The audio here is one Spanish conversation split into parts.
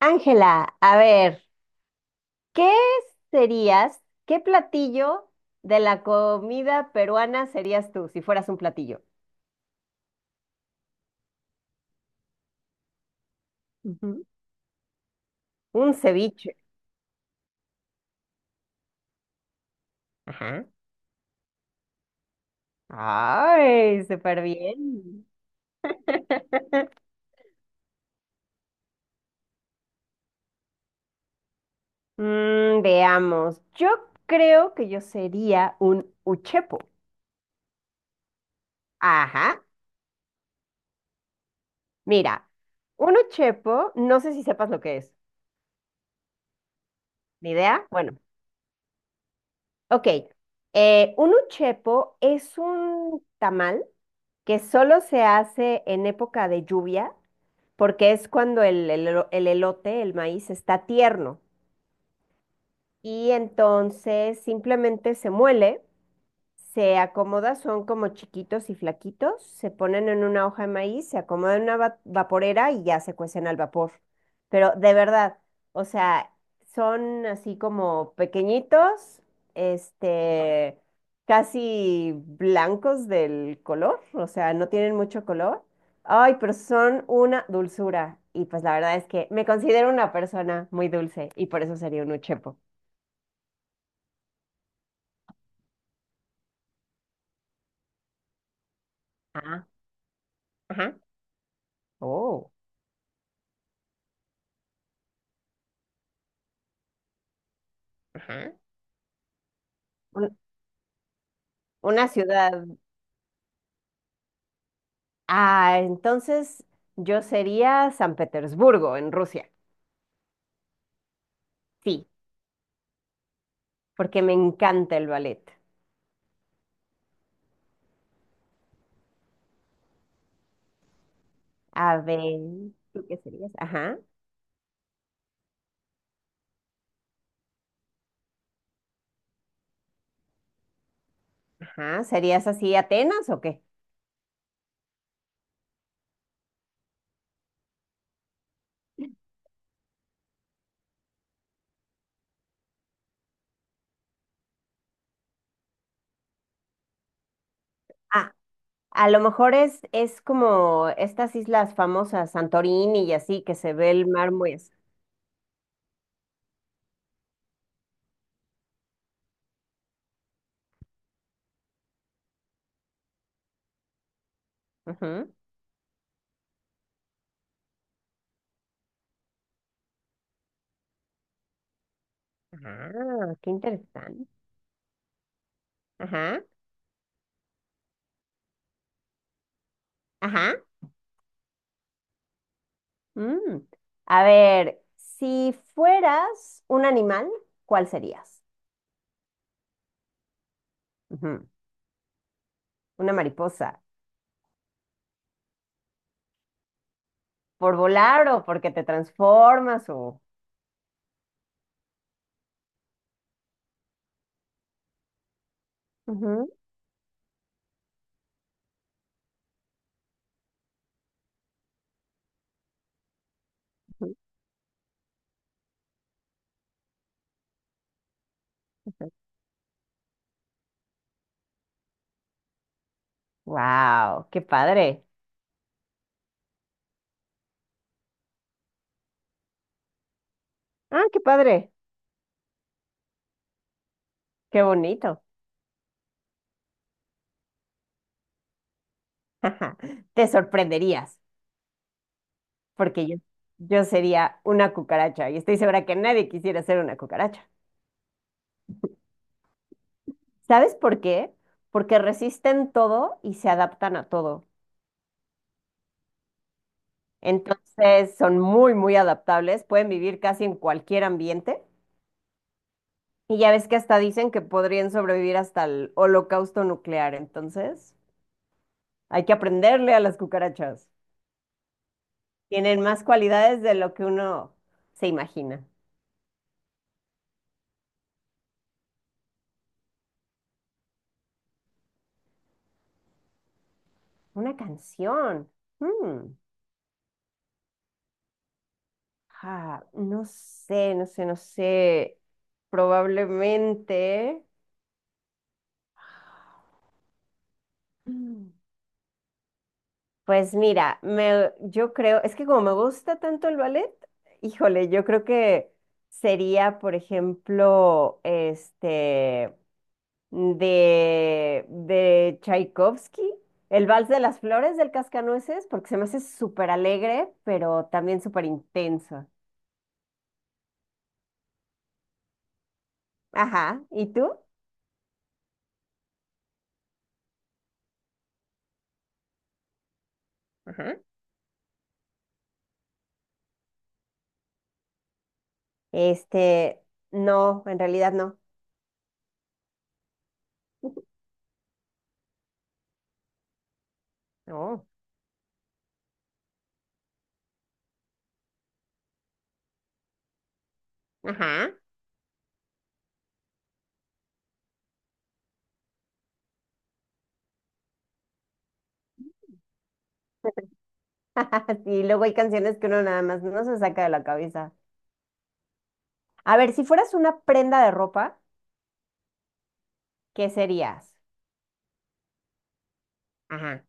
Ángela, a ver, ¿qué serías, qué platillo de la comida peruana serías tú si fueras un platillo? Ujú. Un ceviche. Ajá. Ay, súper bien. Veamos, yo creo que yo sería un uchepo. Ajá, mira, un uchepo, no sé si sepas lo que es. ¿Ni idea? Bueno, ok. Un uchepo es un tamal, que solo se hace en época de lluvia, porque es cuando el elote, el maíz, está tierno. Y entonces simplemente se muele, se acomoda, son como chiquitos y flaquitos, se ponen en una hoja de maíz, se acomodan en una vaporera y ya se cuecen al vapor. Pero de verdad, o sea, son así como pequeñitos, este, casi blancos del color, o sea, no tienen mucho color. Ay, pero son una dulzura. Y pues la verdad es que me considero una persona muy dulce y por eso sería un uchepo. Ah, ajá. Oh, ajá. Un- una ciudad. Ah, entonces yo sería San Petersburgo, en Rusia. Sí, porque me encanta el ballet. A ver, ¿tú qué serías? Ajá, ajá. ¿Serías así Atenas o qué? Ah, a lo mejor es como estas islas famosas, Santorini y así, que se ve el mar muy... as-. Ujú. Ah, qué interesante. Ajá, ajá. Mm. A ver, si fueras un animal, ¿cuál serías? Ujú. Una mariposa. ¿Por volar o porque te transformas o...? ¡Wow! ¡Qué padre! Ah, qué padre. ¡Qué bonito! Te sorprenderías porque yo sería una cucaracha y estoy segura que nadie quisiera ser una cucaracha. ¿Sabes por qué? Porque resisten todo y se adaptan a todo. Entonces son muy, muy adaptables, pueden vivir casi en cualquier ambiente y ya ves que hasta dicen que podrían sobrevivir hasta el holocausto nuclear. Entonces... hay que aprenderle a las cucarachas. Tienen más cualidades de lo que uno se imagina. Una canción. Mm. Ah, no sé, no sé, no sé. Probablemente. Mm. Pues mira, me, yo creo, es que como me gusta tanto el ballet, híjole, yo creo que sería, por ejemplo, de Tchaikovsky, el Vals de las Flores del Cascanueces, porque se me hace súper alegre, pero también súper intenso. Ajá, ¿y tú? Ajá. Este, no, en realidad no. No, ajá. Y luego hay canciones que uno nada más no se saca de la cabeza. A ver, si fueras una prenda de ropa, ¿qué serías? Ajá.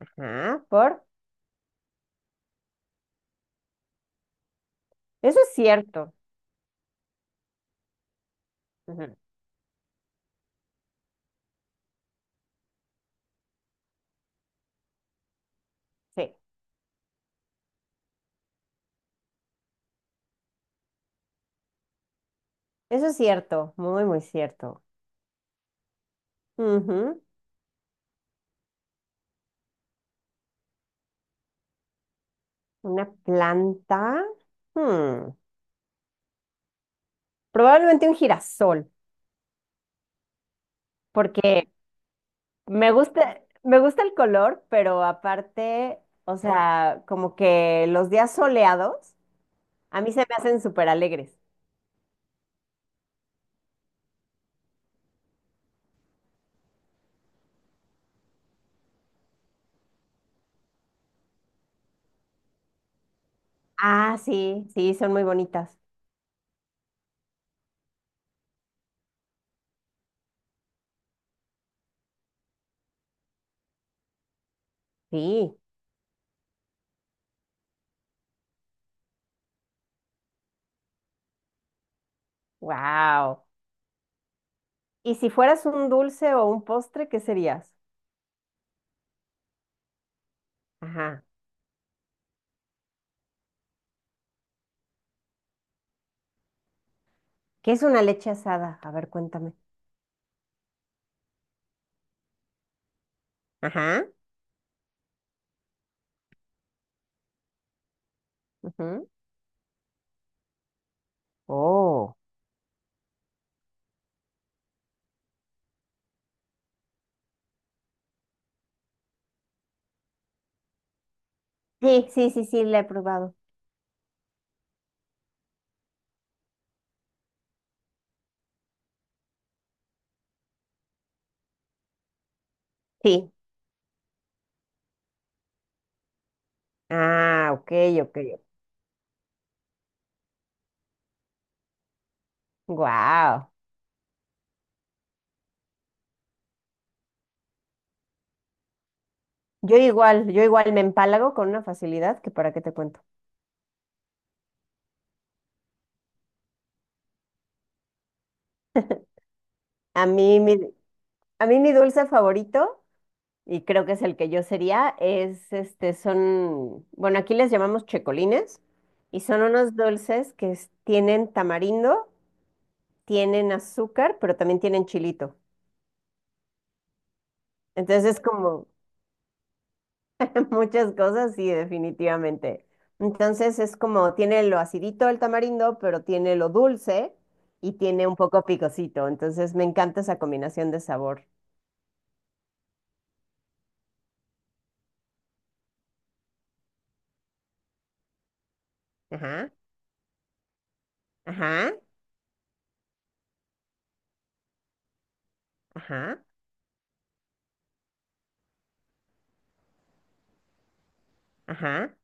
Ajá. ¿Por? Eso es cierto. Ujú. Sí, eso es cierto, muy, muy cierto. Ujú. Una planta. Hmm, probablemente un girasol, porque me gusta el color, pero aparte, o sea, como que los días soleados a mí se me hacen súper alegres. Ah, sí, sí, son muy bonitas. Sí, wow. ¿Y si fueras un dulce o un postre, qué serías? Ajá. ¿Qué es una leche asada? A ver, cuéntame. Ajá. Ujú. Oh. Sí, sí, sí, sí, la he probado. Sí. Ah, ok, ok. Wow. Yo igual me empalago con una facilidad que para qué te cuento. A mí mi, a mí mi dulce favorito, y creo que es el que yo sería, es son, bueno, aquí les llamamos checolines, y son unos dulces que tienen tamarindo, tienen azúcar, pero también tienen chilito. Entonces es como... muchas cosas, sí, definitivamente. Entonces es como tiene lo acidito el tamarindo, pero tiene lo dulce y tiene un poco picosito. Entonces me encanta esa combinación de sabor. Ajá, ajá, ajá, ajá.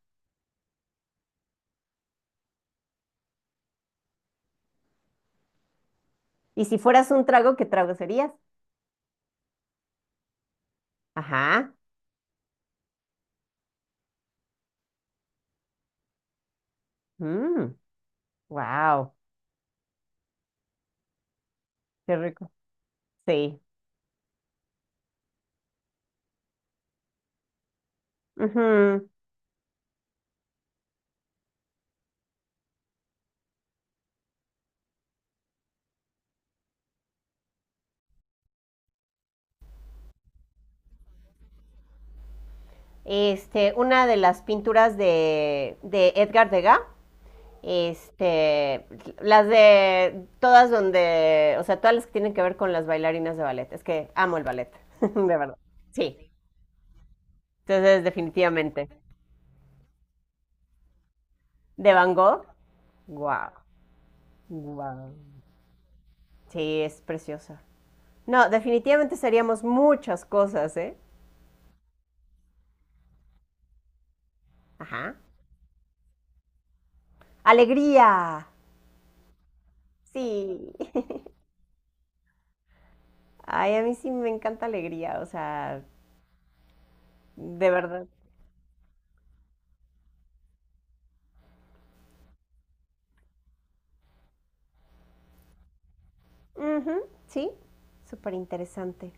Y si fueras un trago, ¿qué trago serías? Ajá. Wow, qué rico. Sí. Ujú. Una de las pinturas de Edgar Degas. Este, las de todas donde, o sea, todas las que tienen que ver con las bailarinas de ballet. Es que amo el ballet, de verdad. Sí, entonces definitivamente. De Van Gogh, wow, wow. Sí, es preciosa. No, definitivamente seríamos muchas cosas, ¿eh? Ajá. Alegría, sí. Ay, a mí sí me encanta alegría, o sea, de verdad. Ujú, sí, súper interesante.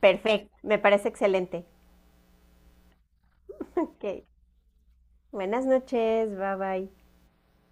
Perfecto, me parece excelente. Ok. Buenas noches, bye bye.